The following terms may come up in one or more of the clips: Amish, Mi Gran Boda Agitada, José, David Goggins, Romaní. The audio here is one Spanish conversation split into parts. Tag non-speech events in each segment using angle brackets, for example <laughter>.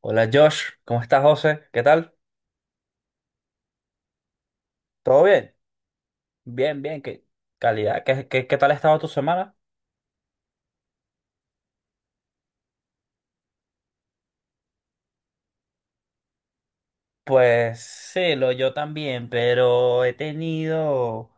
Hola Josh, ¿cómo estás, José? ¿Qué tal? ¿Todo bien? Bien, bien, qué calidad. ¿Qué tal ha estado tu semana? Pues sí, lo yo también, pero he tenido,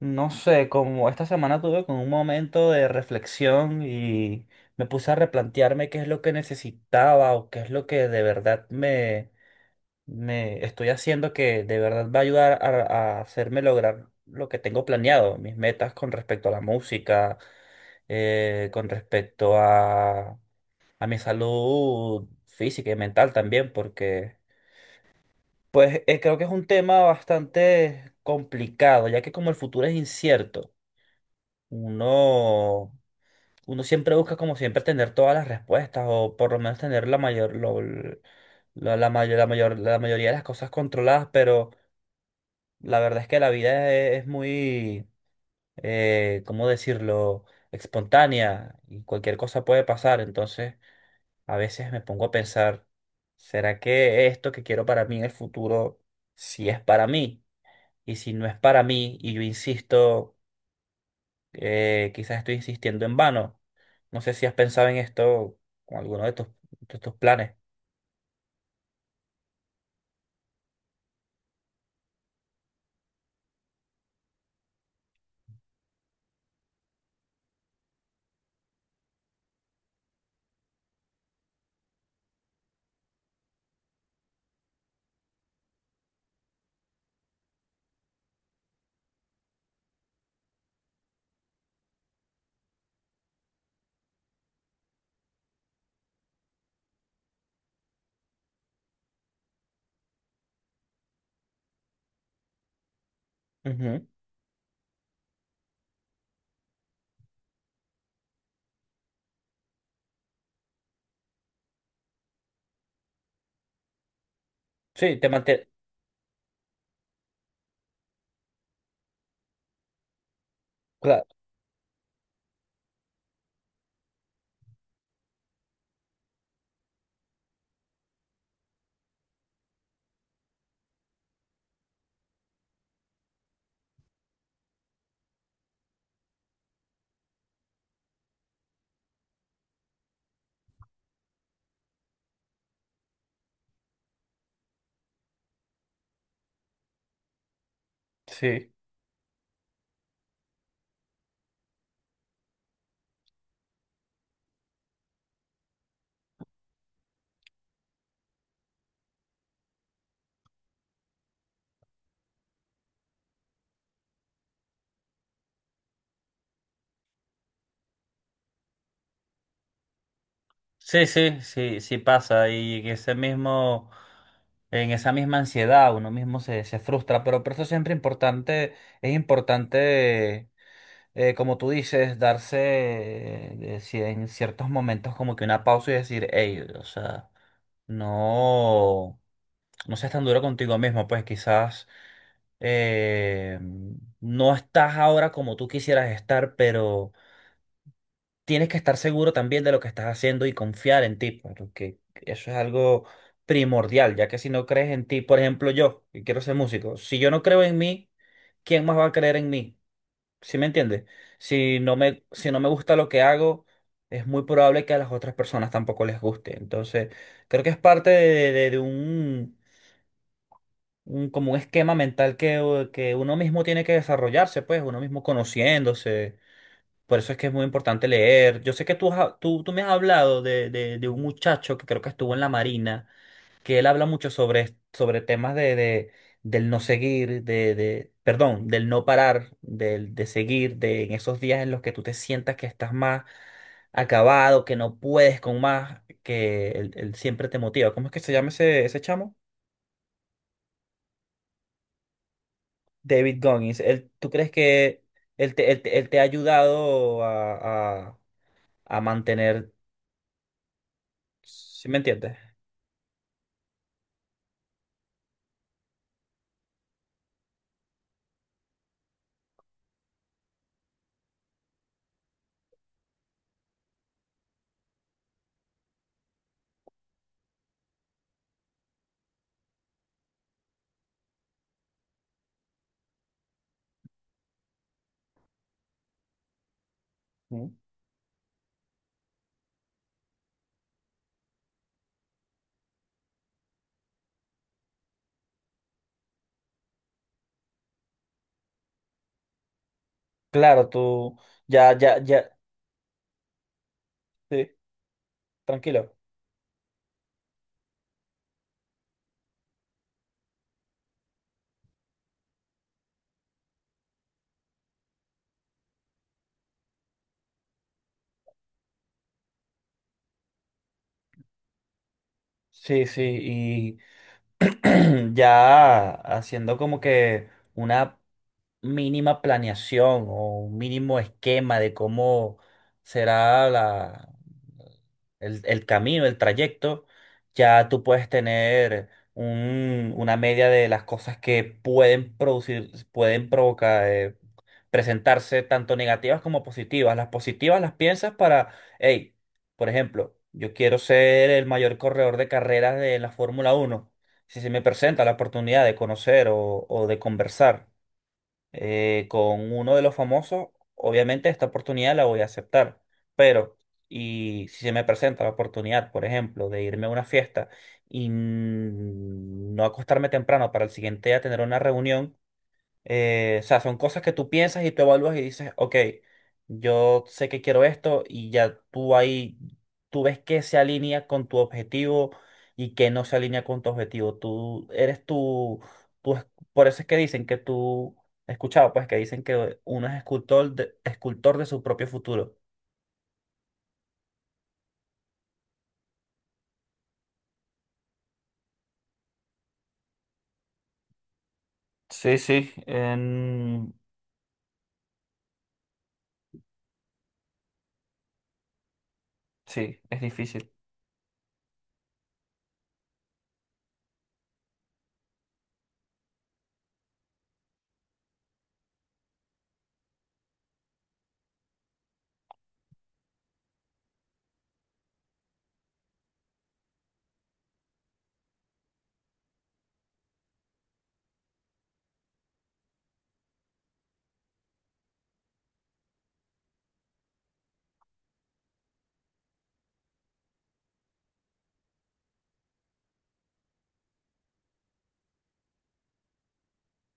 no sé, como esta semana tuve como un momento de reflexión y me puse a replantearme qué es lo que necesitaba o qué es lo que de me estoy haciendo que de verdad va a ayudar a hacerme lograr lo que tengo planeado, mis metas con respecto a la música, con respecto a mi salud física y mental también, porque creo que es un tema bastante complicado, ya que como el futuro es incierto, uno, uno siempre busca como siempre tener todas las respuestas o por lo menos tener la mayor, la mayoría de las cosas controladas, pero la verdad es que la vida es muy, ¿cómo decirlo? Espontánea y cualquier cosa puede pasar, entonces. A veces me pongo a pensar, ¿será que esto que quiero para mí en el futuro, si es para mí? Y si no es para mí, y yo insisto, quizás estoy insistiendo en vano. No sé si has pensado en esto con alguno de de tus planes. Ujú. Sí, te mantienes. Claro. Sí. Sí, sí, sí, sí pasa. Y en ese mismo, en esa misma ansiedad, uno mismo se frustra. Pero por eso siempre importante, es importante, como tú dices, darse, si en ciertos momentos como que una pausa y decir, hey, o sea, no, no seas tan duro contigo mismo, pues quizás, eh, no estás ahora como tú quisieras estar, pero tienes que estar seguro también de lo que estás haciendo y confiar en ti, pues, porque eso es algo primordial, ya que si no crees en ti, por ejemplo, yo, que quiero ser músico, si yo no creo en mí, ¿quién más va a creer en mí? ¿Sí me entiendes? Si no me gusta lo que hago, es muy probable que a las otras personas tampoco les guste. Entonces, creo que es parte de un, como un esquema mental que uno mismo tiene que desarrollarse, pues, uno mismo conociéndose. Por eso es que es muy importante leer. Yo sé que tú, tú me has hablado de un muchacho que creo que estuvo en la marina, que él habla mucho sobre temas del no seguir, perdón, del no parar, del, de seguir, de en esos días en los que tú te sientas que estás más acabado, que no puedes con más, que él siempre te motiva. ¿Cómo es que se llama ese chamo? David Goggins. Él, ¿tú crees que él te ha ayudado a mantener, ¿sí me entiendes? ¿Mm? Claro, tú ya, ya, ya, sí, tranquilo. Sí, sí, <clears throat> ya haciendo como que una mínima planeación o un mínimo esquema de cómo será el camino, el trayecto, ya tú puedes tener una media de las cosas que pueden producir, pueden provocar, presentarse tanto negativas como positivas. Las positivas las piensas para, hey, por ejemplo, yo quiero ser el mayor corredor de carreras de la Fórmula uno. Si se me presenta la oportunidad de conocer o de conversar, con uno de los famosos, obviamente esta oportunidad la voy a aceptar. Pero, y si se me presenta la oportunidad, por ejemplo, de irme a una fiesta y no acostarme temprano para el siguiente día tener una reunión, o sea, son cosas que tú piensas y tú evalúas y dices, ok, yo sé que quiero esto y ya tú ahí, tú ves qué se alinea con tu objetivo y qué no se alinea con tu objetivo. Tú eres tú, tú es- por eso es que dicen que tú, he escuchado pues que dicen que uno es escultor de su propio futuro. Sí, sí, en-, sí, es difícil.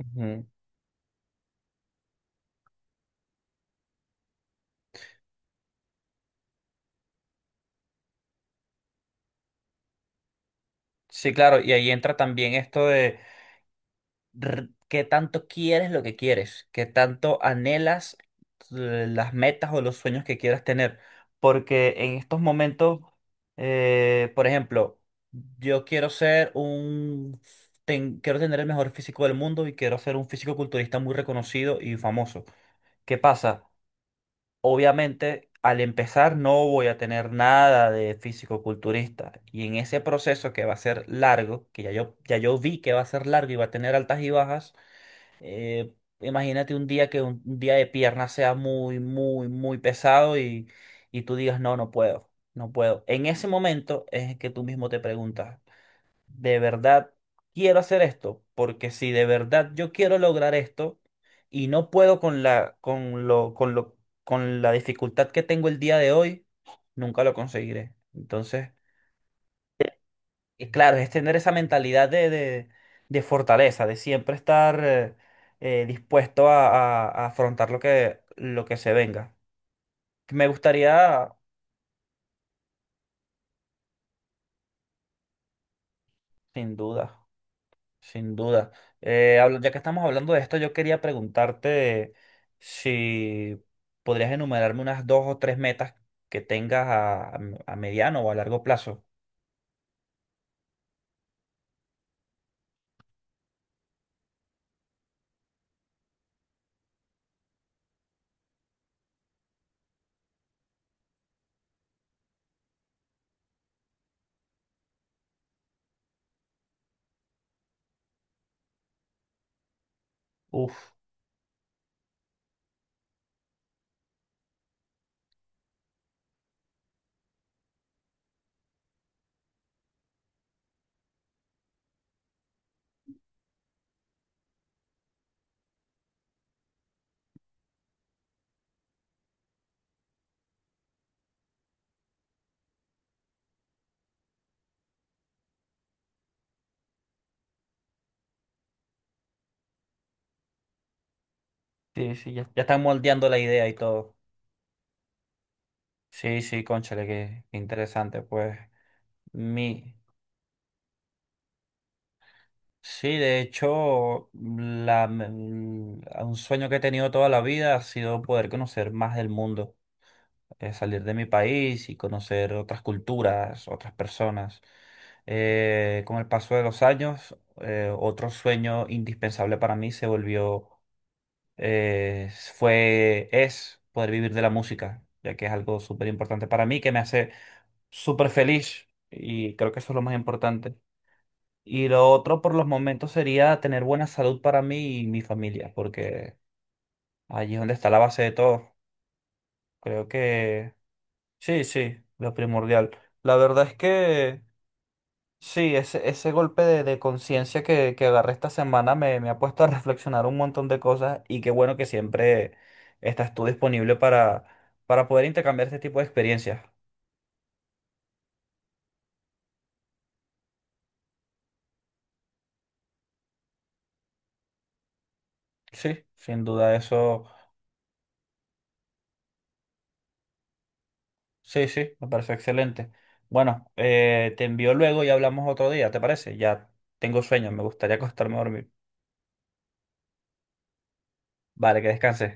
Ujú. Sí, claro, y ahí entra también esto de, qué tanto quieres lo que quieres, qué tanto anhelas, las metas o los sueños que quieras tener. Porque en estos momentos, por ejemplo, yo quiero ser un, quiero tener el mejor físico del mundo y quiero ser un físico culturista muy reconocido y famoso. ¿Qué pasa? Obviamente, al empezar no voy a tener nada de físico culturista. Y en ese proceso que va a ser largo, que ya yo vi que va a ser largo y va a tener altas y bajas, eh, imagínate un día que un día de pierna sea muy, muy, muy pesado y tú digas, no, no puedo, no puedo. En ese momento es que tú mismo te preguntas, ¿de verdad quiero hacer esto? Porque si de verdad yo quiero lograr esto y no puedo con la, con lo, con lo, con la dificultad que tengo el día de hoy, nunca lo conseguiré. Entonces. Y claro, es tener esa mentalidad de fortaleza, de siempre estar dispuesto a afrontar lo que se venga. Me gustaría, sin duda, sin duda, ya que estamos hablando de esto, yo quería preguntarte si podrías enumerarme unas dos o tres metas que tengas a mediano o a largo plazo. Uf, sí, sí, ya están moldeando la idea y todo. Sí, sí, cónchale, qué interesante, pues. Mi, Sí, de hecho, un sueño que he tenido toda la vida ha sido poder conocer más del mundo, salir de mi país y conocer otras culturas, otras personas. Con el paso de los años, otro sueño indispensable para mí se volvió, eh, es poder vivir de la música, ya que es algo súper importante para mí, que me hace súper feliz y creo que eso es lo más importante. Y lo otro por los momentos sería tener buena salud para mí y mi familia, porque allí es donde está la base de todo. Creo que sí, sí, lo primordial. La verdad es que sí, ese golpe de conciencia que agarré esta semana me ha puesto a reflexionar un montón de cosas y qué bueno que siempre estás tú disponible para poder intercambiar este tipo de experiencias. Sí, sin duda eso. Sí, sí, me parece excelente. Bueno, te envío luego y hablamos otro día, ¿te parece? Ya tengo sueño, me gustaría <laughs> acostarme a dormir. Vale, que descanses.